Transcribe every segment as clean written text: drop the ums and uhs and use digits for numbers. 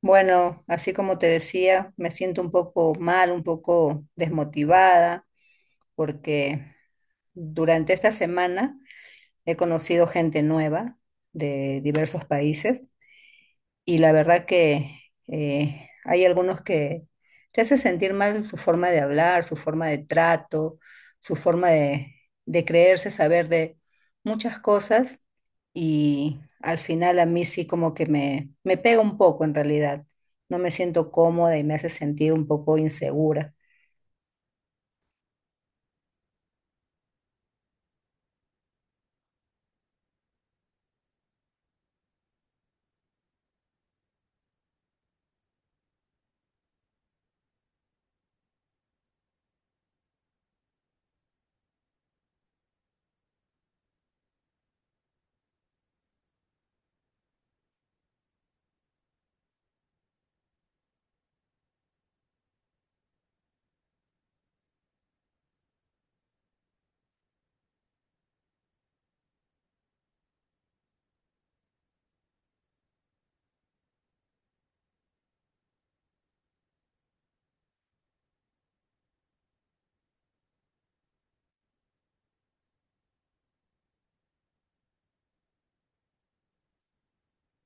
Bueno, así como te decía, me siento un poco mal, un poco desmotivada, porque durante esta semana he conocido gente nueva de diversos países y la verdad que hay algunos que te hace sentir mal su forma de hablar, su forma de trato, su forma de creerse, saber de muchas cosas y al final a mí sí como que me pega un poco en realidad. No me siento cómoda y me hace sentir un poco insegura.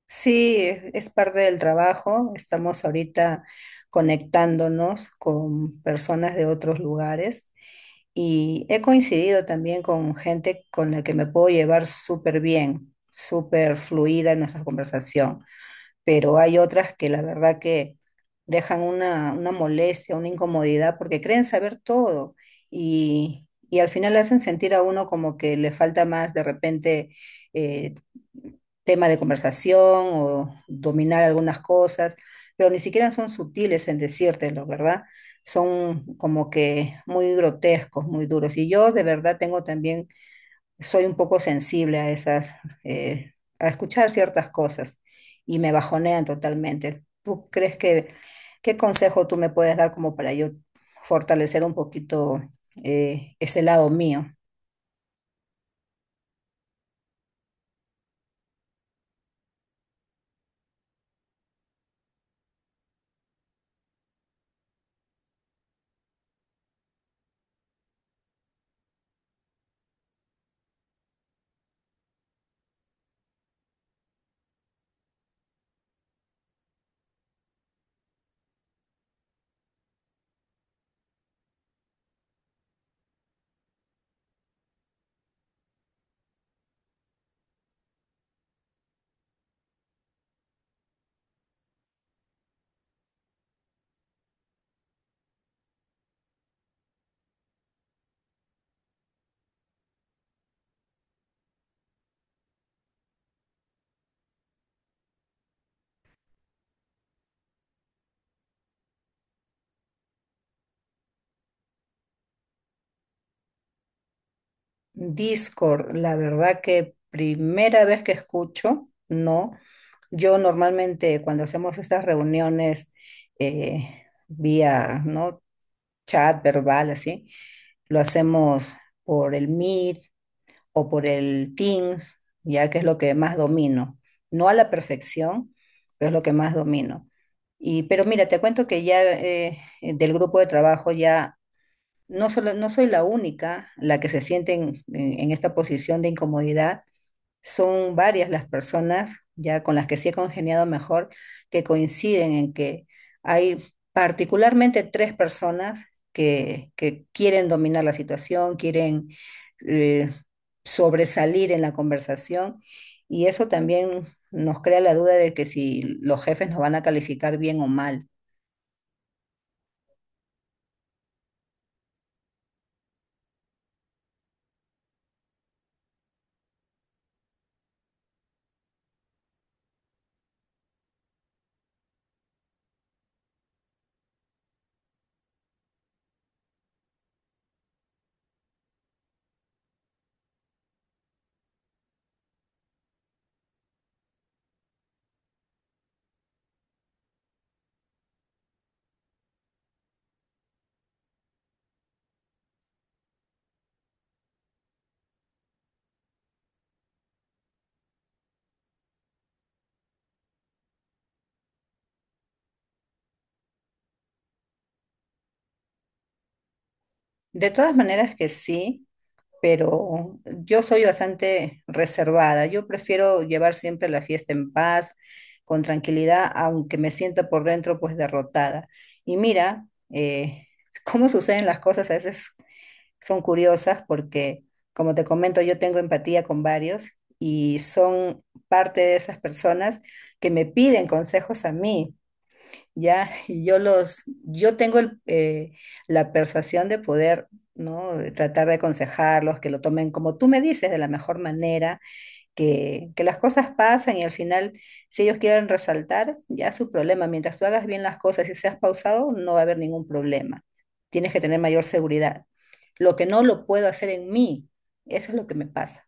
Sí, es parte del trabajo. Estamos ahorita conectándonos con personas de otros lugares y he coincidido también con gente con la que me puedo llevar súper bien, súper fluida en nuestra conversación, pero hay otras que la verdad que dejan una molestia, una incomodidad, porque creen saber todo y al final hacen sentir a uno como que le falta más de repente, eh, tema de conversación o dominar algunas cosas, pero ni siquiera son sutiles en decírtelo, ¿verdad? Son como que muy grotescos, muy duros. Y yo de verdad tengo también, soy un poco sensible a esas, a escuchar ciertas cosas y me bajonean totalmente. ¿Qué consejo tú me puedes dar como para yo fortalecer un poquito, ese lado mío? Discord, la verdad que primera vez que escucho, no. Yo normalmente cuando hacemos estas reuniones, vía, ¿no? chat verbal, así, lo hacemos por el Meet o por el Teams, ya que es lo que más domino. No a la perfección, pero es lo que más domino. Y pero mira, te cuento que ya, del grupo de trabajo ya no, solo, no soy la única la que se siente en esta posición de incomodidad. Son varias las personas ya con las que sí he congeniado mejor, que coinciden en que hay particularmente tres personas que quieren dominar la situación, quieren, eh, sobresalir en la conversación, y eso también nos crea la duda de que si los jefes nos van a calificar bien o mal. De todas maneras que sí, pero yo soy bastante reservada. Yo prefiero llevar siempre la fiesta en paz, con tranquilidad, aunque me sienta por dentro pues derrotada. Y mira, eh, cómo suceden las cosas a veces son curiosas porque, como te comento, yo tengo empatía con varios y son parte de esas personas que me piden consejos a mí, ¿ya? Y yo tengo el, la persuasión de poder, ¿no? de tratar de aconsejarlos, que lo tomen como tú me dices, de la mejor manera que las cosas pasan y al final, si ellos quieren resaltar, ya es su problema. Mientras tú hagas bien las cosas y seas pausado, no va a haber ningún problema. Tienes que tener mayor seguridad. Lo que no lo puedo hacer en mí, eso es lo que me pasa.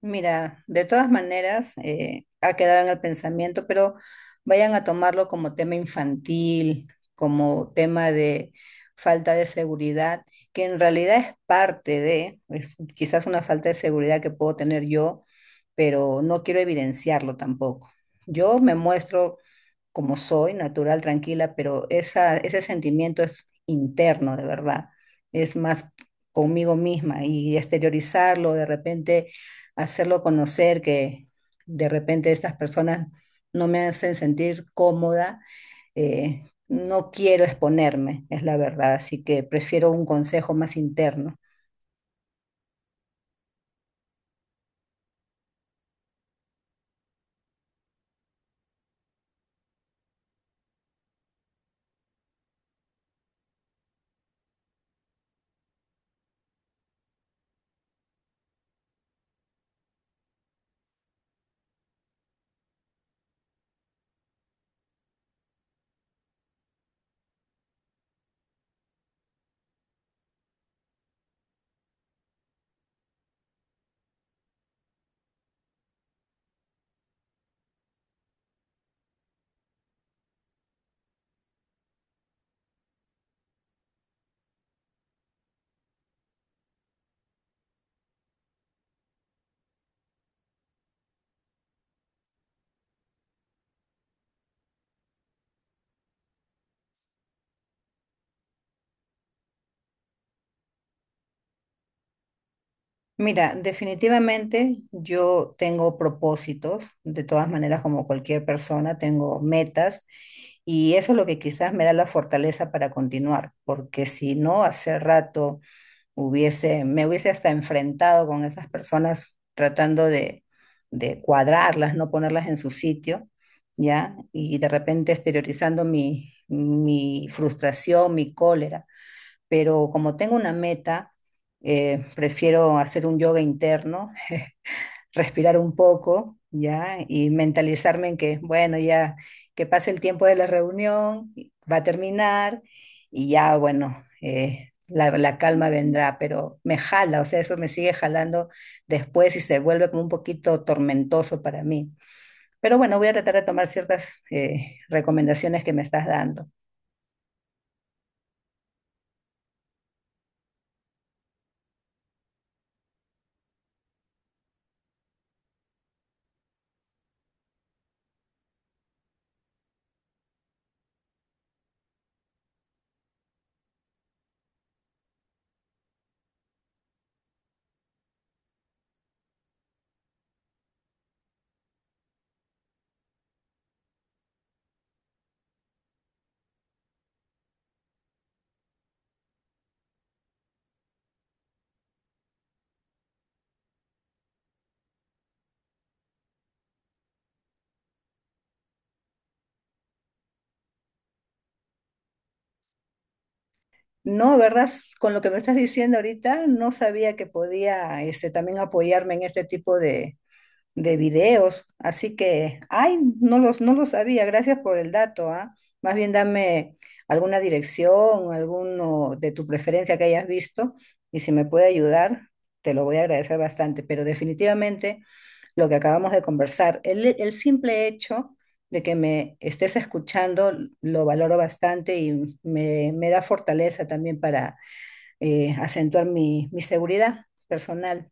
Mira, de todas maneras, ha quedado en el pensamiento, pero vayan a tomarlo como tema infantil, como tema de falta de seguridad, que en realidad es parte de, pues, quizás una falta de seguridad que puedo tener yo, pero no quiero evidenciarlo tampoco. Yo me muestro como soy, natural, tranquila, pero ese sentimiento es interno, de verdad. Es más conmigo misma, y exteriorizarlo, de repente, hacerlo conocer que de repente estas personas no me hacen sentir cómoda. eh, no quiero exponerme, es la verdad, así que prefiero un consejo más interno. Mira, definitivamente yo tengo propósitos, de todas maneras, como cualquier persona, tengo metas y eso es lo que quizás me da la fortaleza para continuar, porque si no, hace rato me hubiese hasta enfrentado con esas personas tratando de cuadrarlas, no ponerlas en su sitio, ¿ya? Y de repente exteriorizando mi frustración, mi cólera, pero como tengo una meta, prefiero hacer un yoga interno, respirar un poco, ¿ya? Y mentalizarme en que, bueno, ya que pase el tiempo de la reunión, va a terminar y ya, bueno, la calma vendrá, pero me jala, o sea, eso me sigue jalando después y se vuelve como un poquito tormentoso para mí. Pero bueno, voy a tratar de tomar ciertas recomendaciones que me estás dando. No, ¿verdad? Con lo que me estás diciendo ahorita, no sabía que podía este, también apoyarme en este tipo de videos. Así que, ay, no lo sabía. Gracias por el dato, ¿ah? Más bien dame alguna dirección, alguno de tu preferencia que hayas visto, y si me puede ayudar, te lo voy a agradecer bastante. Pero definitivamente lo que acabamos de conversar. El simple hecho de que me estés escuchando lo valoro bastante y me da fortaleza también para, acentuar mi seguridad personal.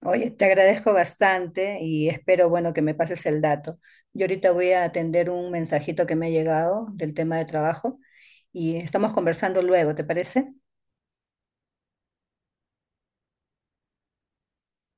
Oye, te agradezco bastante y espero, bueno, que me pases el dato. Yo ahorita voy a atender un mensajito que me ha llegado del tema de trabajo y estamos conversando luego, ¿te parece?